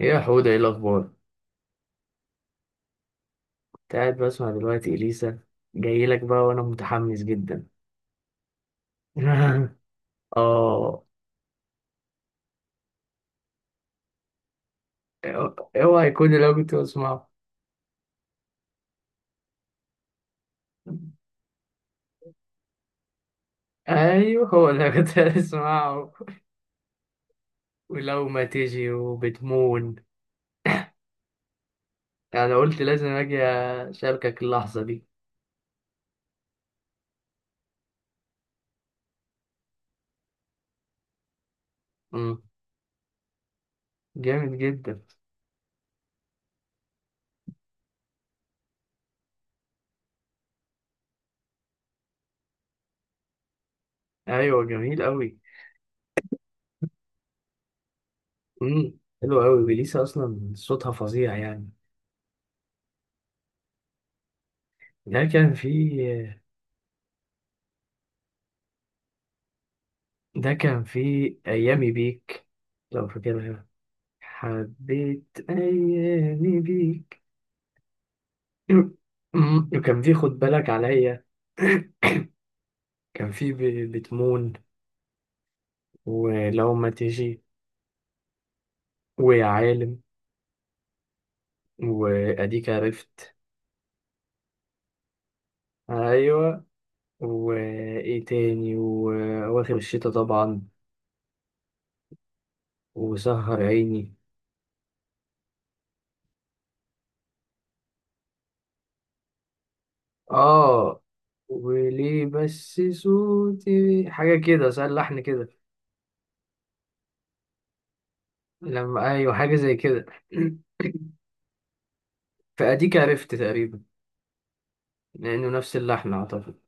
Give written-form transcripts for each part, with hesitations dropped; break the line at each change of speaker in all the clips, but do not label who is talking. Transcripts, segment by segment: ايه يا حودة، ايه الأخبار؟ كنت قاعد بسمع دلوقتي إليسا، جاي لك بقى وأنا متحمس جدا. آه. اوعى يكون اللي أنا كنت بسمعه. أيوه، هو اللي أنا كنت بسمعه، ولو ما تيجي وبتمون. أنا قلت لازم أجي أشاركك اللحظة دي. مم. جامد جدا. أيوه، جميل أوي. مم. حلو أوي، إليسا أصلا صوتها فظيع يعني. ده كان في ده كان في أيامي بيك، لو فاكرها. حبيت أيامي بيك. وكان في خد بالك عليا. كان في بتمون، ولو ما تيجي، ويا عالم، وأديك عرفت. أيوة. وإيه تاني؟ وأواخر الشتا طبعا. وسهر عيني. آه، وليه بس صوتي حاجة كده، سأل لحن كده. لما أيوة، حاجة زي كده. فأديك عرفت تقريبا، لأنه نفس اللحن أعتقد.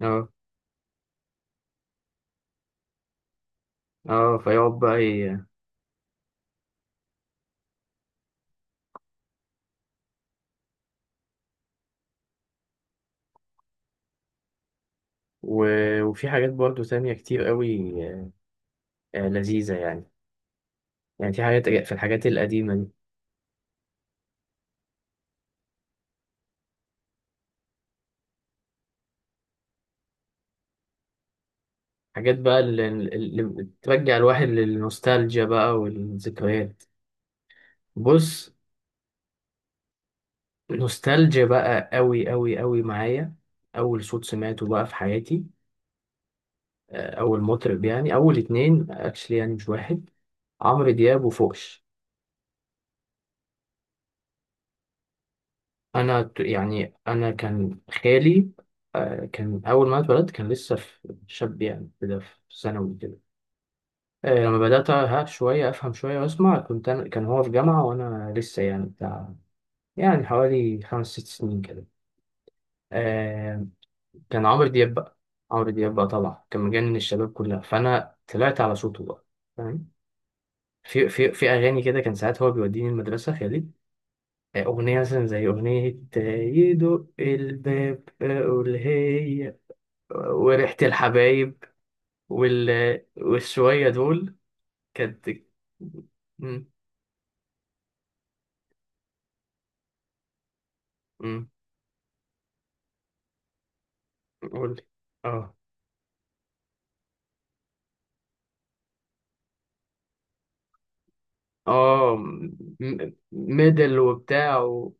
اه اه، فيقعد بقى و... وفي حاجات برضو تانية كتير قوي، آه، لذيذة يعني. يعني في حاجات، في الحاجات القديمة دي، حاجات بقى اللي بترجع الواحد للنوستالجيا بقى والذكريات. بص، نوستالجيا بقى قوي قوي قوي معايا. أول صوت سمعته بقى في حياتي، أول مطرب يعني، أول اتنين اكشلي يعني، مش واحد: عمرو دياب وفوكش. يعني انا كان خالي، كان اول ما اتولدت كان لسه شاب يعني، كده في ثانوي كده. لما بدات ها شويه افهم شويه واسمع، كنت أنا، كان هو في جامعه وانا لسه يعني بتاع، يعني حوالي 5 6 سنين كده. آه، كان عمرو دياب بقى، عمرو دياب بقى طبعا كان مجنن الشباب كلها، فانا طلعت على صوته بقى، فاهم. في اغاني كده، كان ساعات هو بيوديني المدرسه خالي، أغنية مثلا زي أغنية، آه، يدق الباب أقول هي، وريحة الحبايب وال... والشوية دول كانت. مم. مم. قولي. اه اه، ميدل وبتاع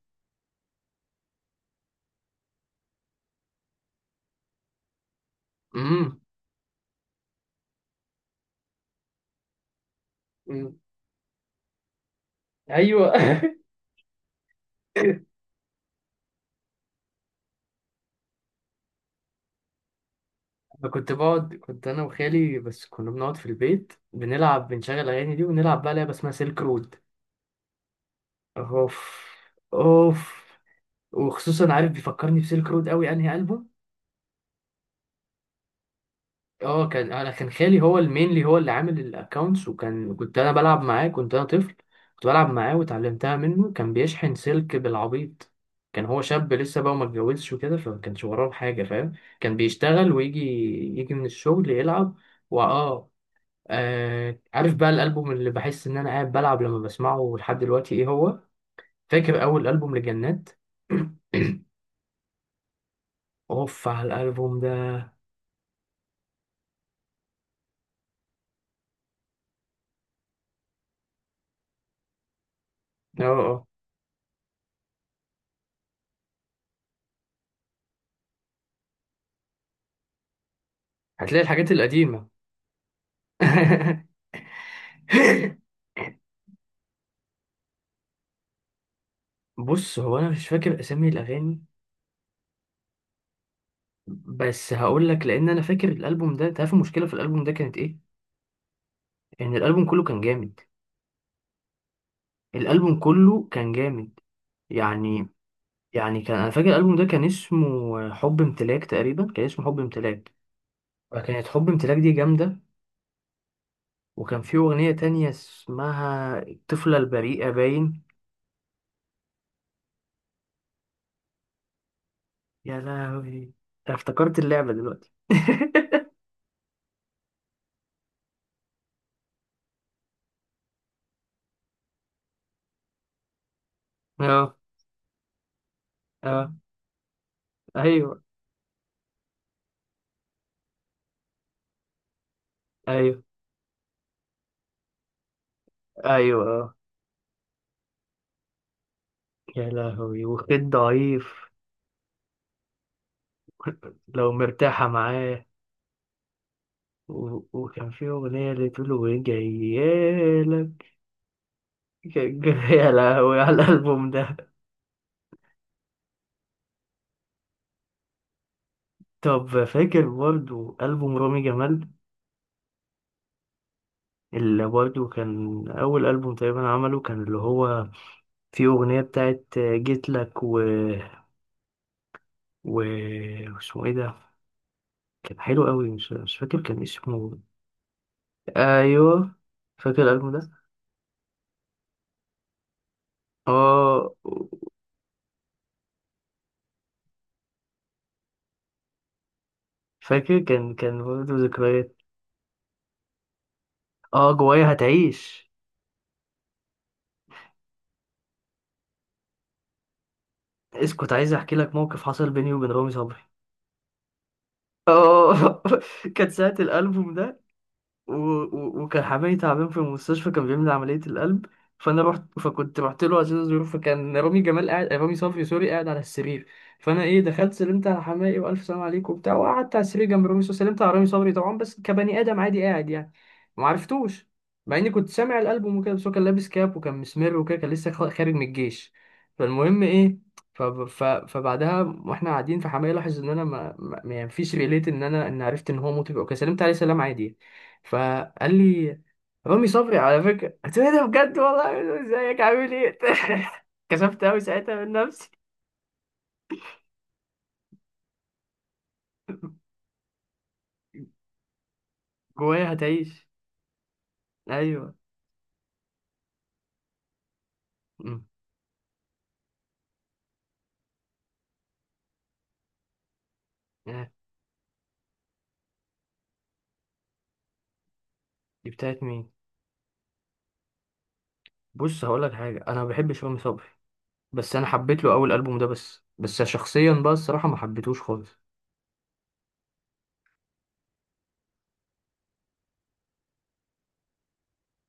مم. مم. ايوه. انا كنت بقعد، كنت انا وخالي بس كنا بنقعد في البيت بنلعب، بنشغل الاغاني دي ونلعب بقى لعبه اسمها سيلك رود. اوف، اوف، وخصوصا عارف بيفكرني بسيلك رود قوي انهي البوم. اه، كان انا كان خالي هو المينلي، هو اللي عامل الاكونتس، وكان كنت انا بلعب معاه، كنت انا طفل، كنت بلعب معاه وتعلمتها منه. كان بيشحن سلك بالعبيط. كان هو شاب لسه بقى وما اتجوزش وكده، فما كانش وراه حاجه، فاهم. كان بيشتغل ويجي، يجي من الشغل يلعب. واه، آه، عارف بقى الالبوم اللي بحس ان انا قاعد بلعب لما بسمعه لحد دلوقتي ايه هو؟ فاكر اول البوم لجنات. اوف على الالبوم ده. اه اه، هتلاقي الحاجات القديمه. بص، هو انا مش فاكر اسامي الاغاني، بس هقول لك، لان انا فاكر الالبوم ده. تعرف المشكله في الالبوم ده كانت ايه؟ ان الالبوم كله كان جامد، الالبوم كله كان جامد يعني. يعني كان انا فاكر الالبوم ده كان اسمه حب امتلاك تقريبا، كان اسمه حب امتلاك. فكانت حب امتلاك دي جامده. وكان في اغنيه تانية اسمها الطفله البريئه باين. يا لهوي، أنا افتكرت اللعبه دلوقتي. اه اه، ايوه ايوه ايوه اه. يا لهوي وخيط ضعيف، لو مرتاحة معاه، وكان في أغنية اللي تقول وجايالك. يا لهوي على الألبوم ده. طب فاكر برضو ألبوم رامي جمال، اللي برضو كان أول ألبوم تقريبا عمله، كان اللي هو فيه أغنية بتاعت جيت لك و... اسمه إيه ده؟ كان حلو قوي، مش فاكر كان اسمه. أيوه، فاكر الألبوم ده. اه فاكر، كان برضو ذكريات. اه، جوايا هتعيش. اسكت، عايز احكي لك موقف حصل بيني وبين رامي صبري. اه كانت ساعة الألبوم ده. وكان حبايبي تعبان في المستشفى، كان بيعمل عملية القلب. فأنا رحت، فكنت رحت له عشان أزوره، فكان رامي جمال قاعد، رامي صبري سوري قاعد على السرير. فأنا إيه، دخلت سلمت على حماقي وألف سلام عليكم وبتاع، وقعدت على السرير جنب رامي صبري، سلمت على رامي صبري طبعا بس كبني آدم عادي قاعد يعني، ومعرفتوش، مع إني كنت سامع الألبوم وكده، بس هو كان لابس كاب وكان مسمر وكده، كان لسه خارج من الجيش. فالمهم إيه، فبعدها واحنا قاعدين، فحماقي لاحظ ان انا ما فيش ريليت ان انا ان عرفت ان هو مطرب او كده، سلمت عليه سلام عادي يعني. فقال لي: رامي صبري على فكرة. قلت له: ايه ده بجد والله. قال له: ازيك عامل ايه. كسفت قوي ساعتها من نفسي. جوايا هتعيش، ايوه. أمم. آه، دي بتاعت مين؟ بص هقول لك حاجة، انا ما بحبش رامي صبري، بس انا حبيت له اول ألبوم ده بس. بس شخصيا بقى الصراحة ما حبيتهوش خالص.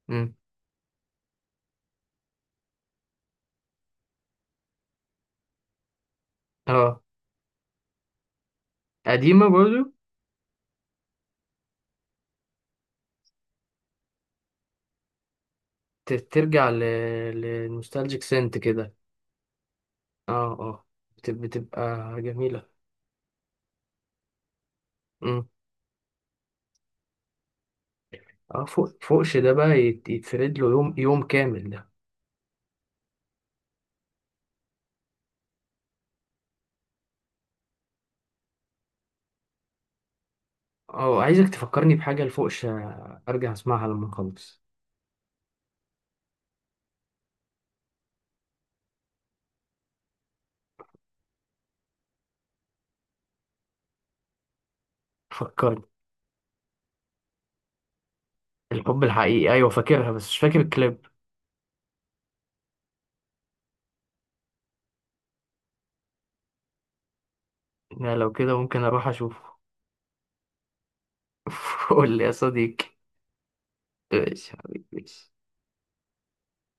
أمم. اه، قديمة برضه. ترجع للنوستالجيك سنت كده. اه اه، بتبقى جميلة. أمم. اه فوق، فوقش ده بقى يتفرد له يوم يوم كامل. اه عايزك تفكرني بحاجة لفوقش، ارجع اسمعها لما نخلص. فكرني. الحب الحقيقي؟ ايوه فاكرها، بس مش فاكر الكليب. لا لو كده ممكن اروح اشوفه. قول لي يا صديقي. ماشي يا حبيبي ماشي.